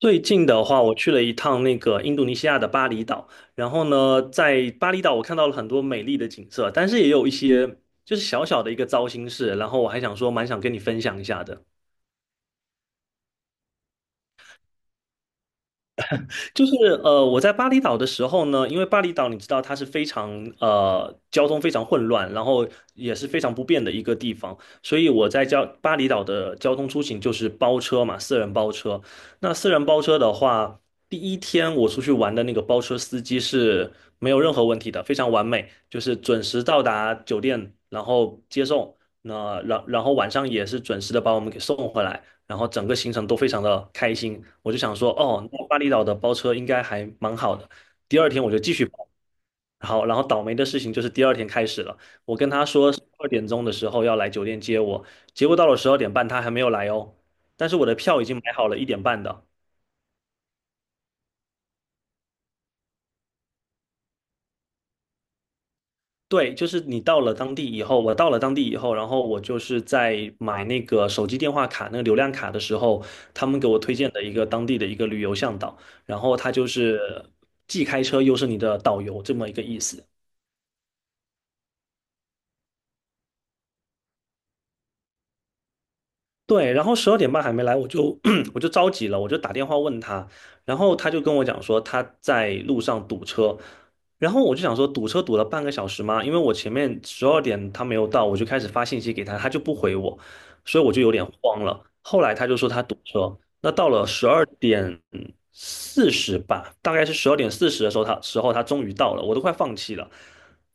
最近的话，我去了一趟那个印度尼西亚的巴厘岛，然后呢，在巴厘岛我看到了很多美丽的景色，但是也有一些就是小小的一个糟心事，然后我还想说，蛮想跟你分享一下的。就是我在巴厘岛的时候呢，因为巴厘岛你知道它是非常交通非常混乱，然后也是非常不便的一个地方，所以我在巴厘岛的交通出行就是包车嘛，私人包车。那私人包车的话，第一天我出去玩的那个包车司机是没有任何问题的，非常完美，就是准时到达酒店，然后接送，那然后晚上也是准时的把我们给送回来。然后整个行程都非常的开心。我就想说，哦，那巴厘岛的包车应该还蛮好的。第二天我就继续包，然后倒霉的事情就是第二天开始了。我跟他说12点钟的时候要来酒店接我，结果到了十二点半他还没有来哦，但是我的票已经买好了一点半的。对，就是你到了当地以后，我到了当地以后，然后我就是在买那个手机电话卡、那个流量卡的时候，他们给我推荐的一个当地的一个旅游向导，然后他就是既开车又是你的导游这么一个意思。对，然后十二点半还没来，我就 我就着急了，我就打电话问他，然后他就跟我讲说他在路上堵车，然后我就想说堵车堵了半个小时吗？因为我前面十二点他没有到，我就开始发信息给他，他就不回我，所以我就有点慌了。后来他就说他堵车，那到了十二点四十吧，大概是十二点四十的时候，他终于到了，我都快放弃了。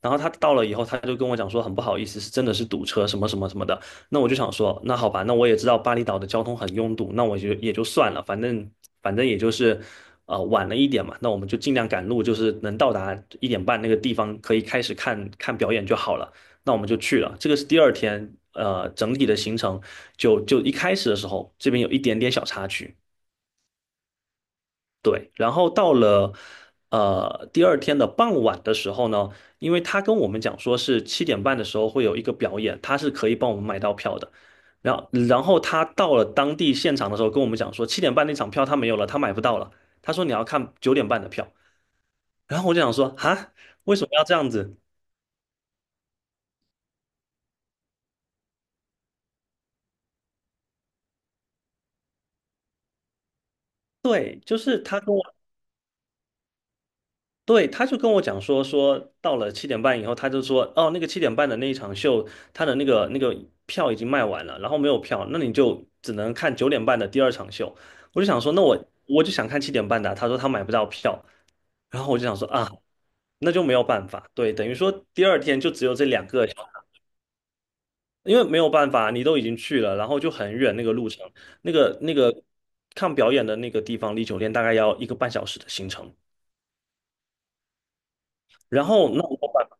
然后他到了以后，他就跟我讲说很不好意思，是真的是堵车什么什么什么的。那我就想说，那好吧，那我也知道巴厘岛的交通很拥堵，那我就也就算了，反正也就是，晚了一点嘛，那我们就尽量赶路，就是能到达一点半那个地方，可以开始看看表演就好了。那我们就去了，这个是第二天，整体的行程就一开始的时候，这边有一点点小插曲，对，然后到了第二天的傍晚的时候呢，因为他跟我们讲说是七点半的时候会有一个表演，他是可以帮我们买到票的。然后他到了当地现场的时候跟我们讲说，七点半那场票他没有了，他买不到了。他说你要看九点半的票。然后我就想说，哈，为什么要这样子？对，他就跟我讲说，说到了七点半以后，他就说，哦，那个七点半的那一场秀，他的那个票已经卖完了，然后没有票，那你就只能看九点半的第二场秀。我就想说，那我就想看七点半的啊他说他买不到票，然后我就想说啊，那就没有办法，对，等于说第二天就只有这两个小因为没有办法，你都已经去了，然后就很远那个路程，那个看表演的那个地方离酒店大概要1个半小时的行程。然后那我办法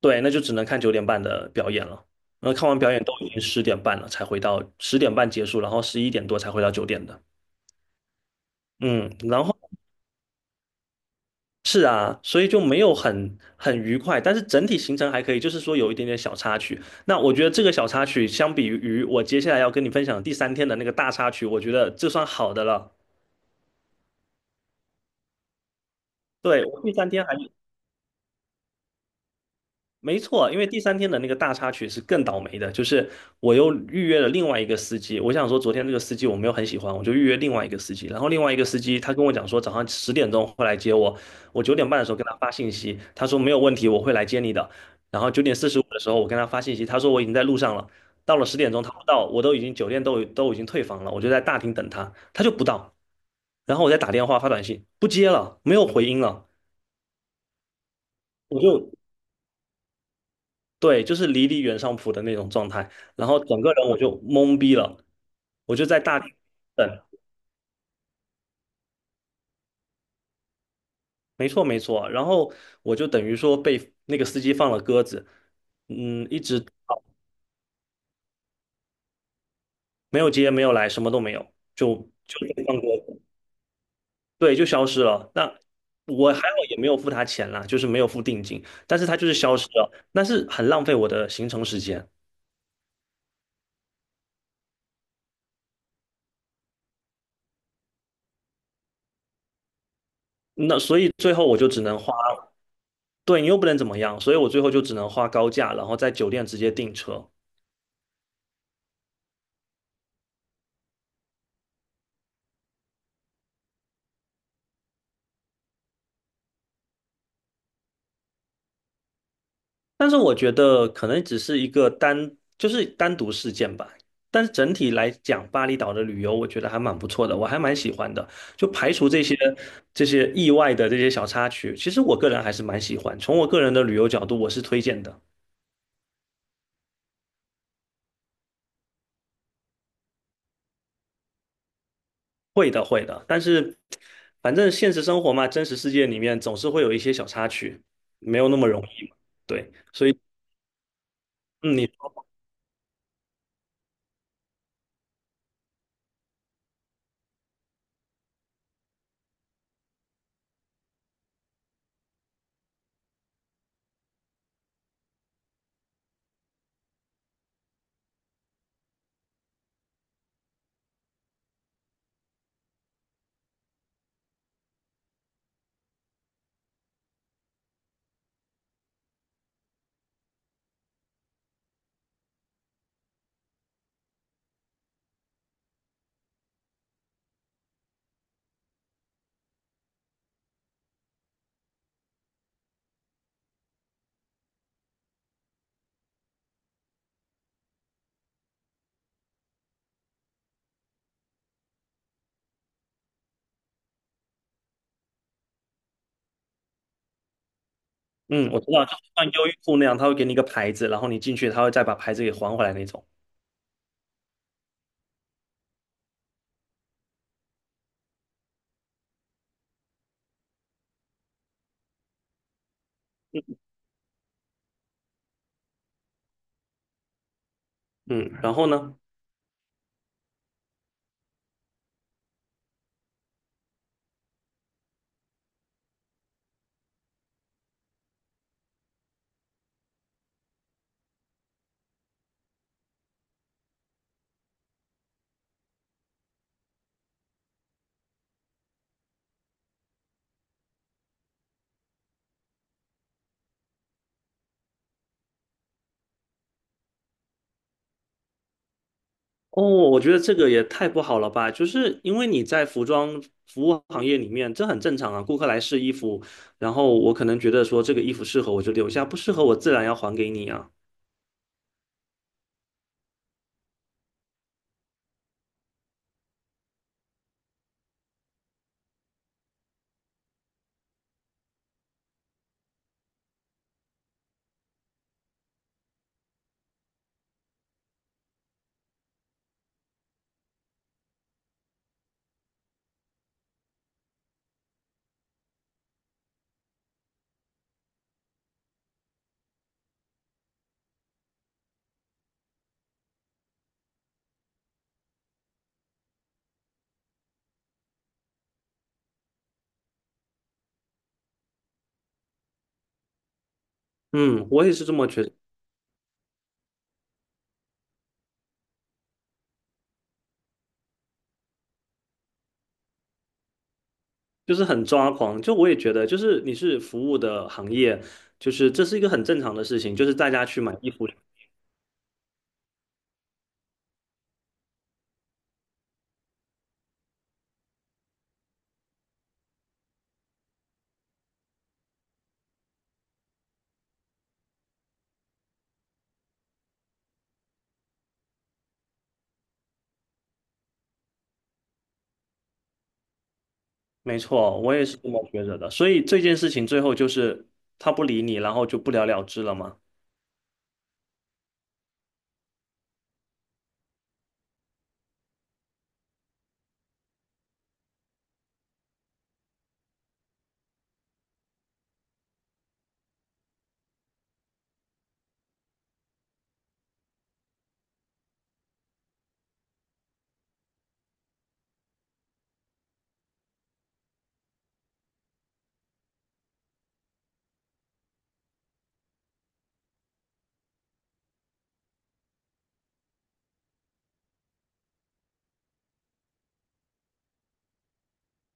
对，那就只能看九点半的表演了。然后看完表演都已经十点半了，才回到十点半结束，然后11点多才回到九点的。嗯，然后是啊，所以就没有很愉快，但是整体行程还可以，就是说有一点点小插曲。那我觉得这个小插曲相比于我接下来要跟你分享第三天的那个大插曲，我觉得这算好的了。对，我第三天还。没错，因为第三天的那个大插曲是更倒霉的，就是我又预约了另外一个司机。我想说，昨天这个司机我没有很喜欢，我就预约另外一个司机。然后另外一个司机他跟我讲说，早上十点钟会来接我。我九点半的时候跟他发信息，他说没有问题，我会来接你的。然后9点45的时候我跟他发信息，他说我已经在路上了。到了十点钟他不到，我都已经酒店都已经退房了，我就在大厅等他，他就不到。然后我再打电话发短信，不接了，没有回音了。我就对，就是离离原上谱的那种状态，然后整个人我就懵逼了，我就在大厅等，没错没错，然后我就等于说被那个司机放了鸽子，嗯，一直没有接没有来，什么都没有，就就被放鸽子，对，就消失了。那我还好也没有付他钱啦，就是没有付定金，但是他就是消失了，但是很浪费我的行程时间，那所以最后我就只能花，对你又不能怎么样，所以我最后就只能花高价，然后在酒店直接订车。但是我觉得可能只是一个单，就是单独事件吧。但是整体来讲，巴厘岛的旅游我觉得还蛮不错的，我还蛮喜欢的。就排除这些意外的这些小插曲，其实我个人还是蛮喜欢。从我个人的旅游角度，我是推荐的。会的，会的。但是反正现实生活嘛，真实世界里面总是会有一些小插曲，没有那么容易嘛。对，所以嗯，你说嗯，我知道，就像优衣库那样，他会给你一个牌子，然后你进去，他会再把牌子给还回来那种。嗯，然后呢？哦，我觉得这个也太不好了吧！就是因为你在服装服务行业里面，这很正常啊。顾客来试衣服，然后我可能觉得说这个衣服适合我就留下，不适合我自然要还给你啊。嗯，我也是这么觉得，就是很抓狂。就我也觉得，就是你是服务的行业，就是这是一个很正常的事情，就是大家去买衣服。没错，我也是这么觉得的。所以这件事情最后就是他不理你，然后就不了了之了嘛。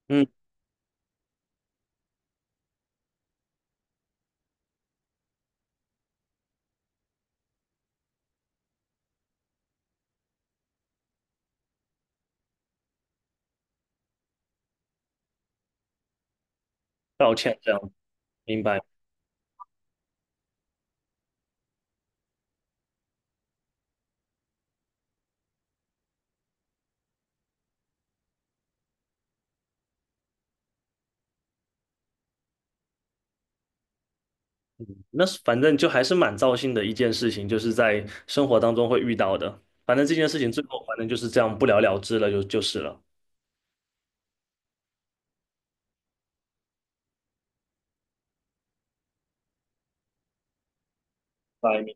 嗯，道歉这样，明白。那是反正就还是蛮糟心的一件事情，就是在生活当中会遇到的。反正这件事情最后反正就是这样不了了之了，就是了。白明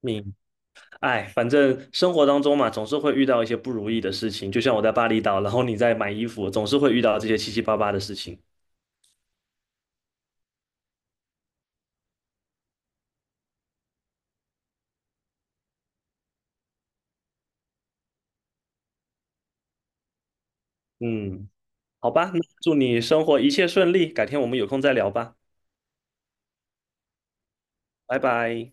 明，哎，反正生活当中嘛，总是会遇到一些不如意的事情。就像我在巴厘岛，然后你在买衣服，总是会遇到这些七七八八的事情。嗯，好吧，那祝你生活一切顺利，改天我们有空再聊吧，拜拜。